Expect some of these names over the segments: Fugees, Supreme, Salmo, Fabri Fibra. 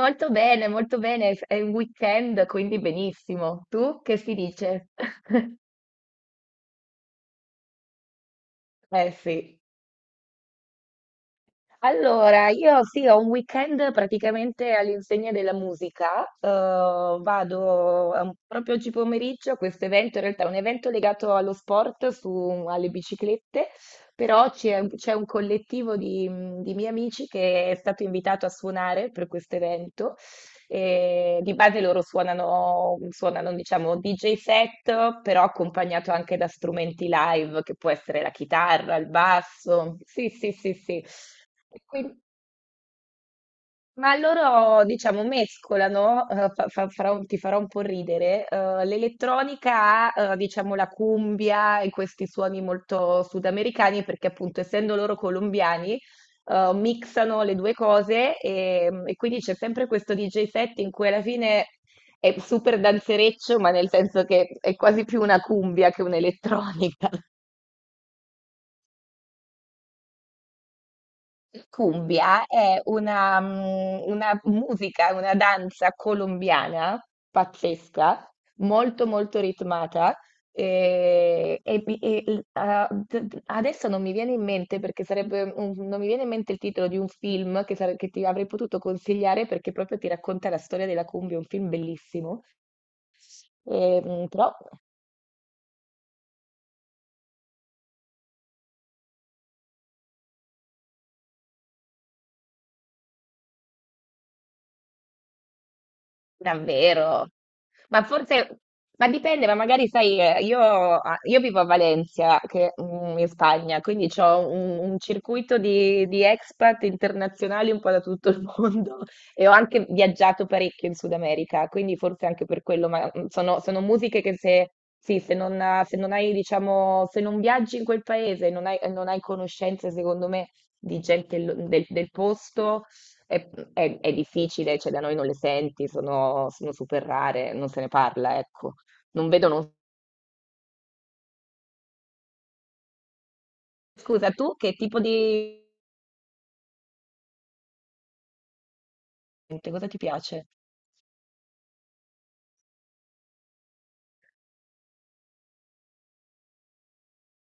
Molto bene, molto bene. È un weekend, quindi benissimo. Tu che si dice? Eh sì. Allora, io sì, ho un weekend praticamente all'insegna della musica. Vado proprio oggi pomeriggio a questo evento. In realtà è un evento legato allo sport, alle biciclette, però c'è un collettivo di miei amici che è stato invitato a suonare per questo evento. E di base loro suonano, suonano, diciamo, DJ set, però accompagnato anche da strumenti live, che può essere la chitarra, il basso. Sì, sì, sì, sì. Ma loro, diciamo, mescolano, farà ti farà un po' ridere, l'elettronica, diciamo, la cumbia e questi suoni molto sudamericani, perché appunto essendo loro colombiani, mixano le due cose e quindi c'è sempre questo DJ set in cui alla fine è super danzereccio, ma nel senso che è quasi più una cumbia che un'elettronica. Cumbia è una, una musica, una danza colombiana pazzesca, molto molto ritmata. Adesso non mi viene in mente, perché non mi viene in mente il titolo di un film che, che ti avrei potuto consigliare, perché proprio ti racconta la storia della cumbia. È un film bellissimo. E, mm, però davvero? Ma forse, ma dipende, ma magari sai, io, io vivo a Valencia, che, mm, in Spagna, quindi ho un circuito di expat internazionali un po' da tutto il mondo e ho anche viaggiato parecchio in Sud America, quindi forse anche per quello, ma mm, sono, sono musiche che se, sì, se non, se non hai, diciamo, se non viaggi in quel paese, non hai, non hai conoscenze, secondo me, di gente del del posto è difficile, cioè da noi non le senti, sono, sono super rare, non se ne parla, ecco. Non vedono. Scusa, tu che tipo di... cosa ti piace?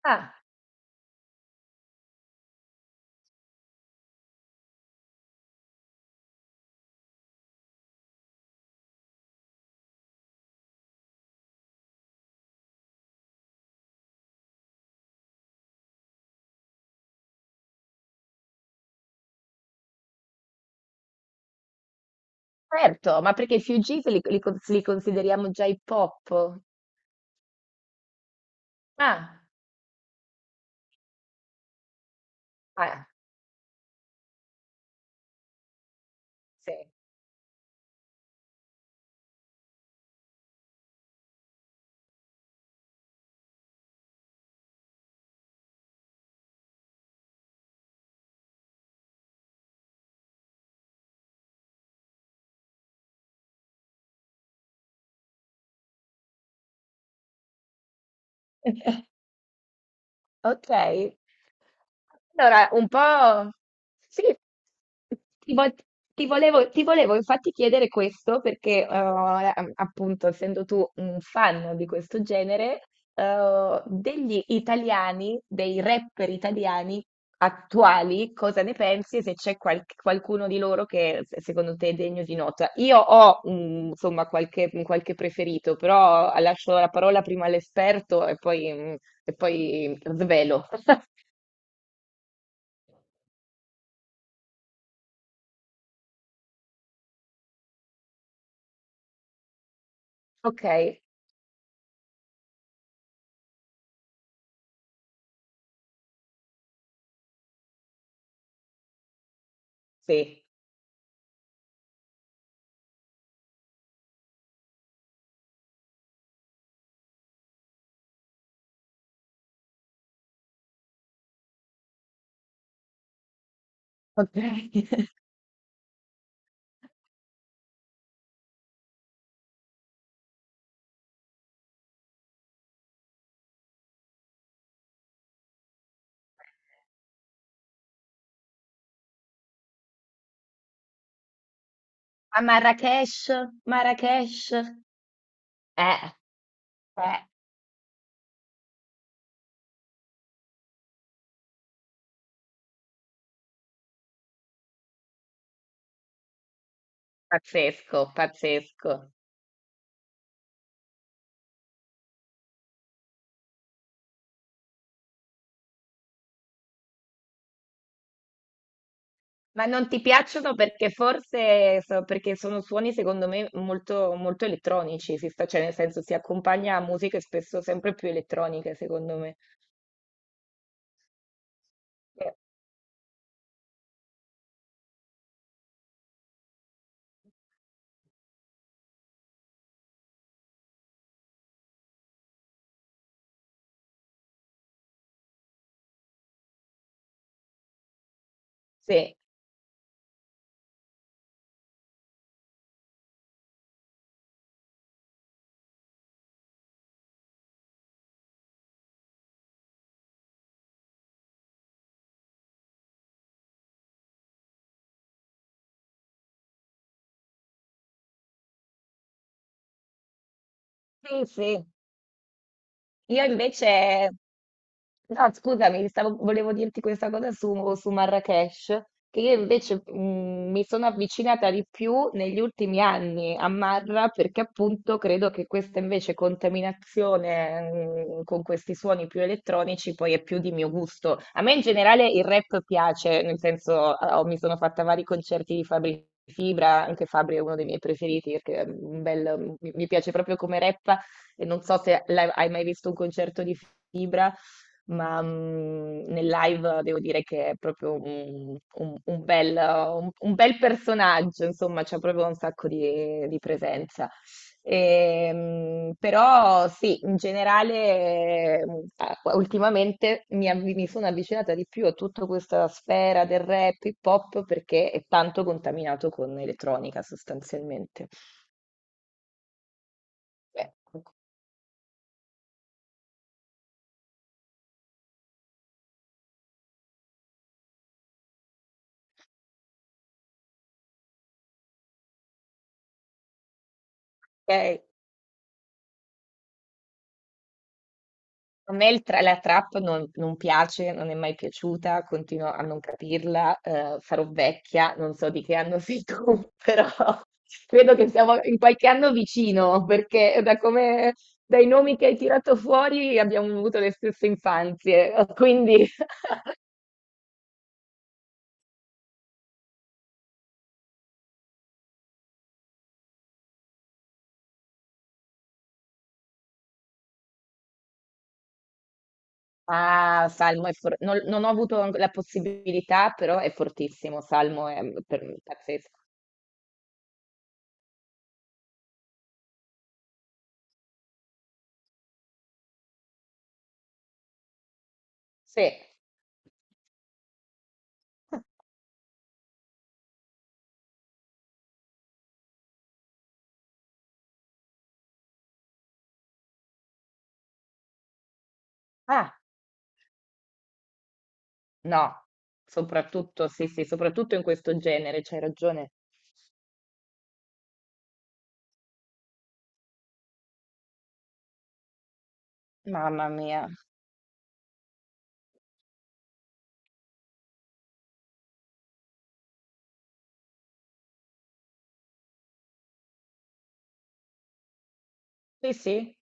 Ah, certo, ma perché i Fugees li, li consideriamo già hip hop? Ah, ah, sì. Okay. Allora un po' sì, ti vo ti volevo infatti chiedere questo perché, appunto essendo tu un fan di questo genere, degli italiani, dei rapper italiani attuali, cosa ne pensi, e se c'è qualcuno di loro che secondo te è degno di nota. Io ho mm, insomma qualche, qualche preferito, però lascio la parola prima all'esperto e poi, mm, e poi svelo. Ok, sì. Ok. A Marrakesh, Marrakesh. Eh, eh, pazzesco, pazzesco. Ma non ti piacciono perché perché sono suoni secondo me molto, molto elettronici, cioè nel senso si accompagna a musiche spesso sempre più elettroniche secondo me. Eh, Sì, sì, sì. Io invece, no, scusami, volevo dirti questa cosa su, su Marrakesh, che io invece mm, mi sono avvicinata di più negli ultimi anni a Marra, perché appunto credo che questa invece contaminazione mm, con questi suoni più elettronici poi è più di mio gusto. A me in generale il rap piace, nel senso mi sono fatta vari concerti di Fabri Fibra. Anche Fabri è uno dei miei preferiti, perché è un bel, mi piace proprio come rappa, e non so se l'hai hai mai visto un concerto di Fibra, ma mm, nel live devo dire che è proprio un, un bel, un bel personaggio, insomma, c'ha proprio un sacco di presenza. Però sì, in generale, ultimamente mi, mi sono avvicinata di più a tutta questa sfera del rap hip hop, perché è tanto contaminato con elettronica sostanzialmente. Beh, ok. A me la trap non, non piace, non è mai piaciuta, continuo a non capirla, sarò vecchia, non so di che anno sei tu, però credo che siamo in qualche anno vicino, perché da come, dai nomi che hai tirato fuori abbiamo avuto le stesse infanzie, quindi... Ah, Salmo è non, non ho avuto la possibilità, però è fortissimo, Salmo è mm, per me pazzesco. Sì. Ah. No, soprattutto sì, sì, soprattutto in questo genere, c'hai ragione. Mamma mia. Sì, sì.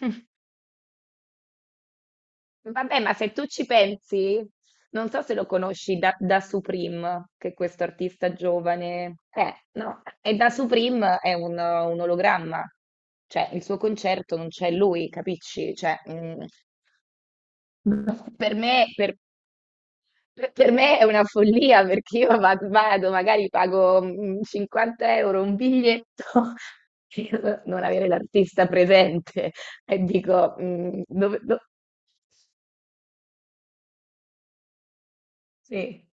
Vabbè, ma se tu ci pensi, non so se lo conosci da, da Supreme, che è questo artista giovane. No, e da Supreme è un ologramma. Cioè, il suo concerto non c'è lui, capisci? Cioè, mm, per me, per me è una follia, perché io vado, magari pago mm, 50€ un biglietto per non avere l'artista presente, e dico, mm, dove, do- sì,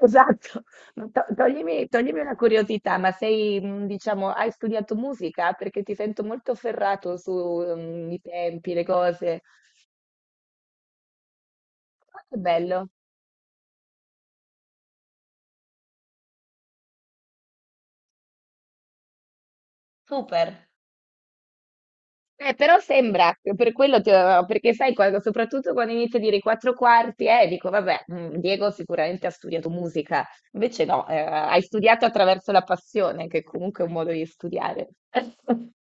esatto. No, toglimi, toglimi una curiosità, ma sei, mm, diciamo, hai studiato musica? Perché ti sento molto ferrato sui tempi, le cose. Ah, che bello, super. Però sembra, per quello ti avevo- perché sai, quando- soprattutto quando inizio a dire i quattro quarti, dico, vabbè, mm, Diego sicuramente ha studiato musica, invece no, hai studiato attraverso la passione, che comunque è un modo di studiare.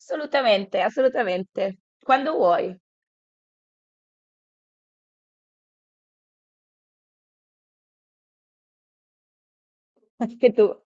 Assolutamente, assolutamente, quando vuoi, anche tu.